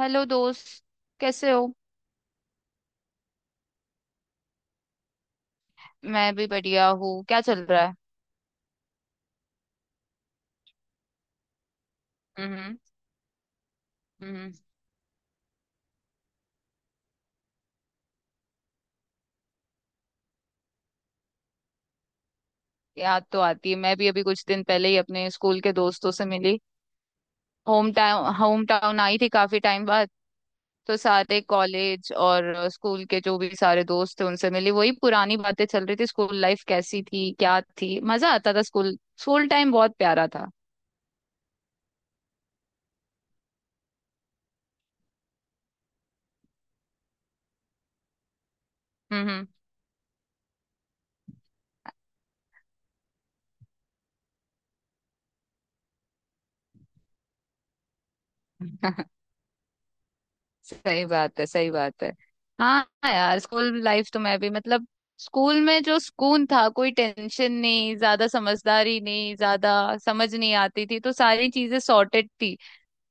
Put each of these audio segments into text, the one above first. Hello दोस्त। कैसे हो? मैं भी बढ़िया हूँ। क्या चल रहा है? हम्म। हम्म। याद तो आती है। मैं भी अभी कुछ दिन पहले ही अपने स्कूल के दोस्तों से मिली। होम टाउन आई थी काफी टाइम बाद। तो सारे कॉलेज और स्कूल के जो भी सारे दोस्त थे उनसे मिली। वही पुरानी बातें चल रही थी। स्कूल लाइफ कैसी थी, क्या थी, मजा आता था स्कूल। स्कूल टाइम बहुत प्यारा था। हम्म। सही बात है, सही बात है। हाँ। यार स्कूल लाइफ तो मैं भी, मतलब, स्कूल में जो सुकून था, कोई टेंशन नहीं ज्यादा, समझदारी नहीं ज्यादा, समझ नहीं आती थी तो सारी चीजें सॉर्टेड थी।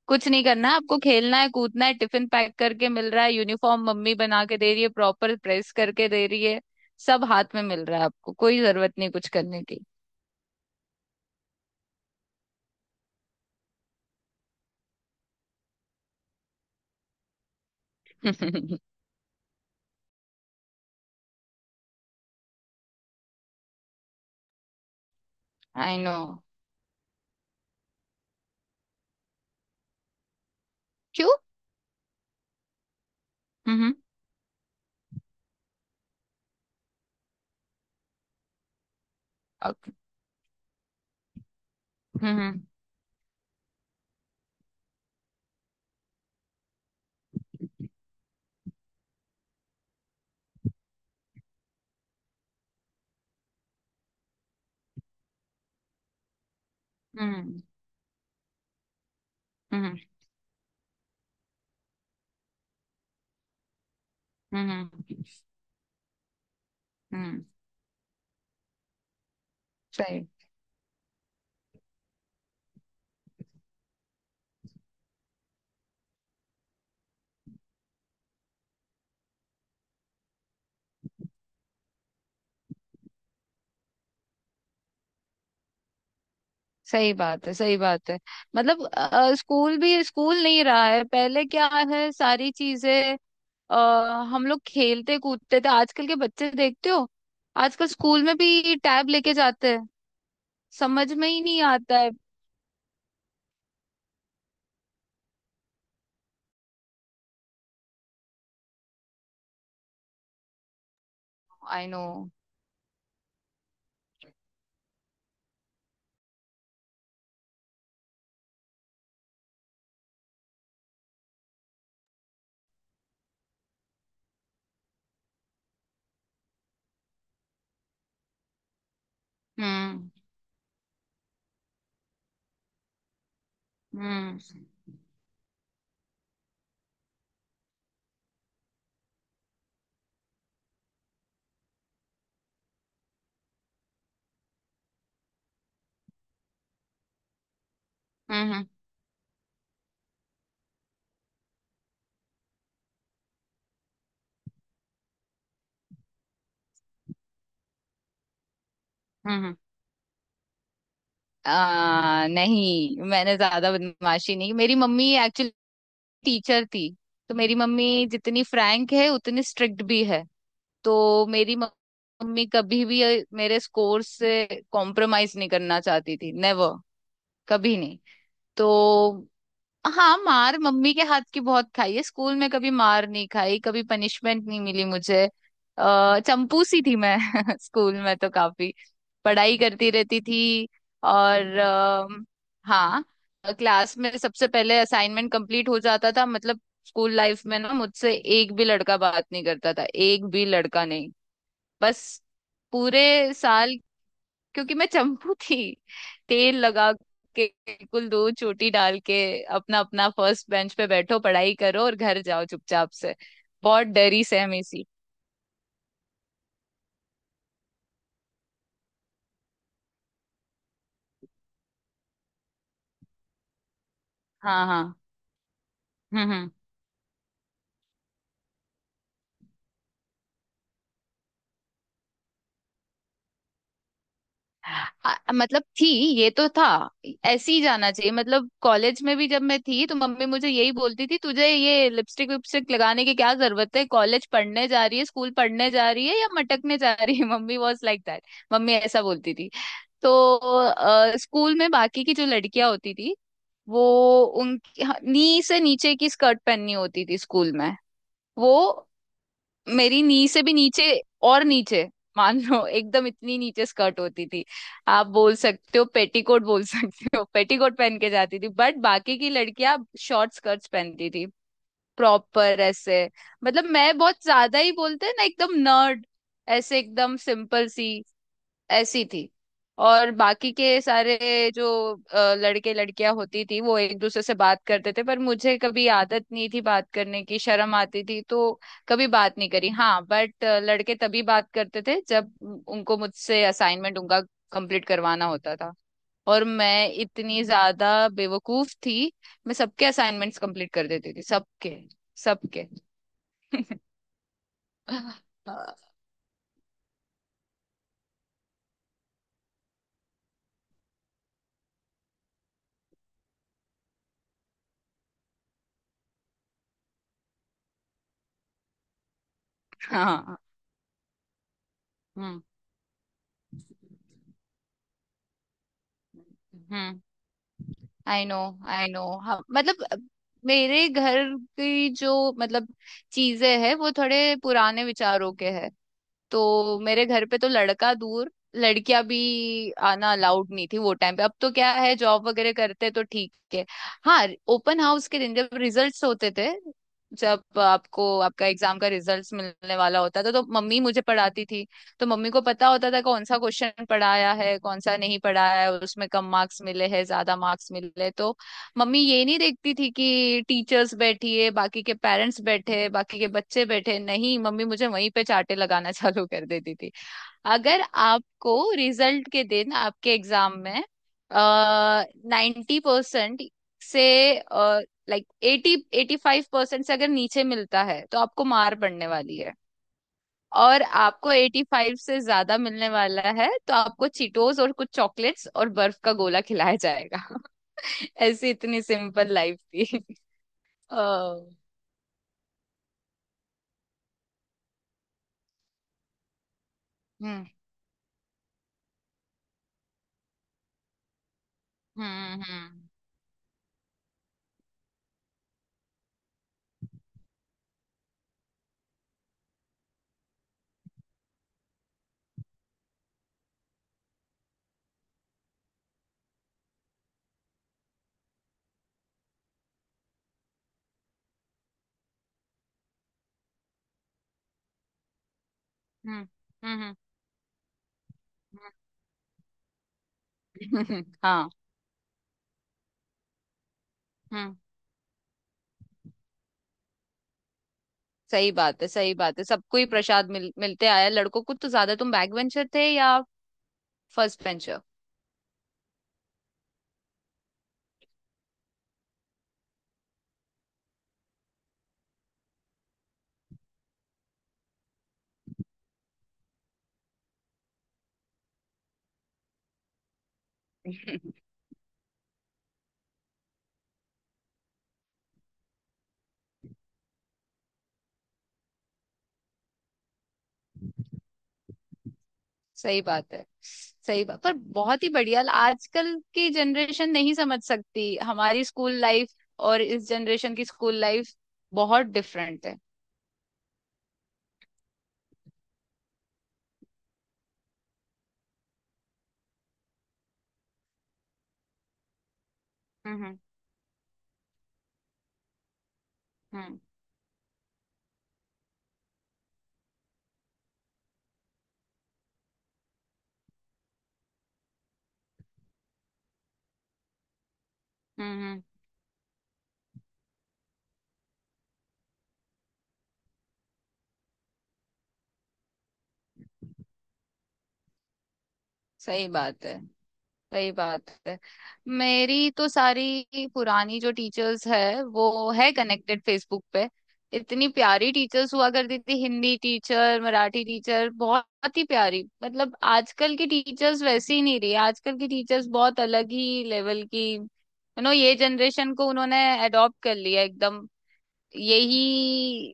कुछ नहीं करना है आपको, खेलना है, कूदना है, टिफिन पैक करके मिल रहा है, यूनिफॉर्म मम्मी बना के दे रही है, प्रॉपर प्रेस करके दे रही है। सब हाथ में मिल रहा है आपको, कोई जरूरत नहीं कुछ करने की। I know. क्यों? हम्म। हम्म। अक- हम्म। हम्म। हम्म। हम्म। हम्म। हम्म। सही। सही बात है, सही बात है। मतलब स्कूल भी स्कूल नहीं रहा है पहले क्या है सारी चीजें। अ, हम लोग खेलते कूदते थे, आजकल के बच्चे देखते हो आजकल स्कूल में भी टैब लेके जाते हैं, समझ में ही नहीं आता है। I no. हम्म। हम्म। हम्म। हम्म। हम्म। नहीं, मैंने ज्यादा बदमाशी नहीं की। मेरी मम्मी एक्चुअली टीचर थी। तो मेरी मम्मी जितनी फ्रैंक है उतनी स्ट्रिक्ट भी है। तो मम्मी कभी भी मेरे स्कोर से कॉम्प्रोमाइज नहीं करना चाहती थी। नेवर। कभी नहीं। तो हाँ, मार मम्मी के हाथ की बहुत खाई है, स्कूल में कभी मार नहीं खाई, कभी पनिशमेंट नहीं मिली मुझे। अः चंपूसी थी मैं। स्कूल में तो काफी पढ़ाई करती रहती थी। और हाँ, क्लास में सबसे पहले असाइनमेंट कंप्लीट हो जाता था। मतलब स्कूल लाइफ में ना, मुझसे एक भी लड़का बात नहीं करता था, एक भी लड़का नहीं। बस पूरे साल। क्योंकि मैं चंपू थी, तेल लगा के बिल्कुल, दो चोटी डाल के, अपना अपना फर्स्ट बेंच पे बैठो, पढ़ाई करो और घर जाओ चुपचाप से। बहुत डरी सहमी सी। हाँ, हाँ। हम्म। हम्म। मतलब थी, ये तो था ऐसे ही जाना चाहिए। मतलब कॉलेज में भी जब मैं थी तो मम्मी मुझे यही बोलती थी, तुझे ये लिपस्टिक विपस्टिक लगाने की क्या जरूरत है? कॉलेज पढ़ने जा रही है, स्कूल पढ़ने जा रही है या मटकने जा रही है? Mummy was like that. Mummy ऐसा बोलती थी। तो स्कूल में बाकी की जो लड़कियां होती थी वो, उनकी नी से नीचे की स्कर्ट पहननी होती थी स्कूल में। वो मेरी नी से भी नीचे और नीचे, मान लो एकदम इतनी नीचे स्कर्ट होती थी। आप बोल सकते हो पेटीकोट बोल सकते हो, पेटीकोट पहन के जाती थी। बट बाकी की लड़कियां शॉर्ट स्कर्ट्स पहनती थी, प्रॉपर ऐसे। मतलब मैं बहुत ज्यादा, ही बोलते हैं ना एकदम नर्ड, ऐसे एकदम सिंपल सी ऐसी थी। और बाकी के सारे जो लड़के लड़कियां होती थी वो एक दूसरे से बात करते थे, पर मुझे कभी आदत नहीं थी, बात करने की शर्म आती थी तो कभी बात नहीं करी। हाँ बट लड़के तभी बात करते थे जब उनको मुझसे असाइनमेंट उनका कंप्लीट करवाना होता था। और मैं इतनी ज्यादा बेवकूफ थी, मैं सबके असाइनमेंट्स कंप्लीट कर देती थी सबके, सबके। हाँ। हम्म। हम्म। I know. I know. हाँ, मतलब मेरे घर की जो, मतलब, चीजें हैं वो थोड़े पुराने विचारों के हैं। तो मेरे घर पे तो लड़का दूर, लड़कियां भी आना अलाउड नहीं थी वो टाइम पे। अब तो क्या है, जॉब वगैरह करते तो ठीक है। हाँ, ओपन हाउस के दिन जब रिजल्ट्स होते थे, जब आपको आपका एग्जाम का रिजल्ट्स मिलने वाला होता था तो मम्मी मुझे पढ़ाती थी। तो मम्मी को पता होता था कौन सा क्वेश्चन पढ़ाया है कौन सा नहीं पढ़ाया है, उसमें कम मार्क्स मिले हैं ज्यादा मार्क्स मिले तो, मम्मी ये नहीं देखती थी कि टीचर्स बैठी है बाकी के पेरेंट्स बैठे हैं बाकी के बच्चे बैठे हैं। नहीं, मम्मी मुझे वहीं पे चांटे लगाना चालू कर देती थी। अगर आपको रिजल्ट के दिन आपके एग्जाम में 90% से, लाइक 80, 85% से अगर नीचे मिलता है तो आपको मार पड़ने वाली है। और आपको 85 से ज्यादा मिलने वाला है तो आपको चीटोस और कुछ चॉकलेट्स और बर्फ का गोला खिलाया जाएगा। ऐसी इतनी सिंपल लाइफ थी। ओ। हम्म। हम्म। हम्म। हम्म। हम्म। हम्म। हाँ। हम्म। सही बात है, सही बात है। सबको ही प्रसाद मिलते आया, लड़कों को तो ज्यादा। तुम बैक बेंचर थे या फर्स्ट बेंचर? सही बात है, सही बात। पर बहुत ही बढ़िया। आजकल की जनरेशन नहीं समझ सकती हमारी स्कूल लाइफ, और इस जनरेशन की स्कूल लाइफ बहुत डिफरेंट है। हम्म। हम्म। हम्म। हम्म। हम्म। सही बात है, सही बात है। मेरी तो सारी पुरानी जो टीचर्स है वो है कनेक्टेड फेसबुक पे। इतनी प्यारी टीचर्स हुआ करती थी, हिंदी टीचर, मराठी टीचर, बहुत ही प्यारी। मतलब आजकल की टीचर्स वैसी ही नहीं रही, आजकल की टीचर्स बहुत अलग ही लेवल की, यू नो, ये जनरेशन को उन्होंने अडॉप्ट कर लिया एकदम। यही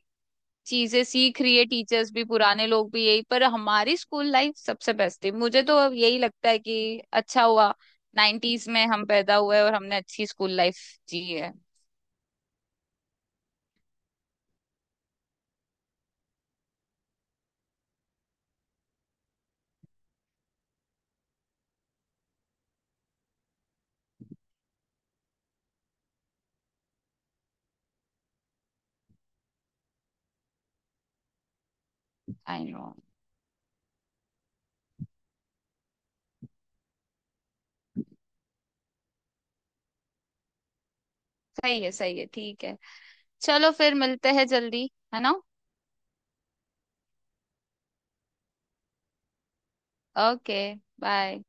चीजें सीख रही है टीचर्स भी, पुराने लोग भी यही। पर हमारी स्कूल लाइफ सबसे बेस्ट थी, मुझे तो अब यही लगता है कि अच्छा हुआ 90s में हम पैदा हुए और हमने अच्छी स्कूल लाइफ जी है। I know. सही है, सही है, ठीक है। चलो फिर मिलते हैं जल्दी, है ना? ओके। बाय।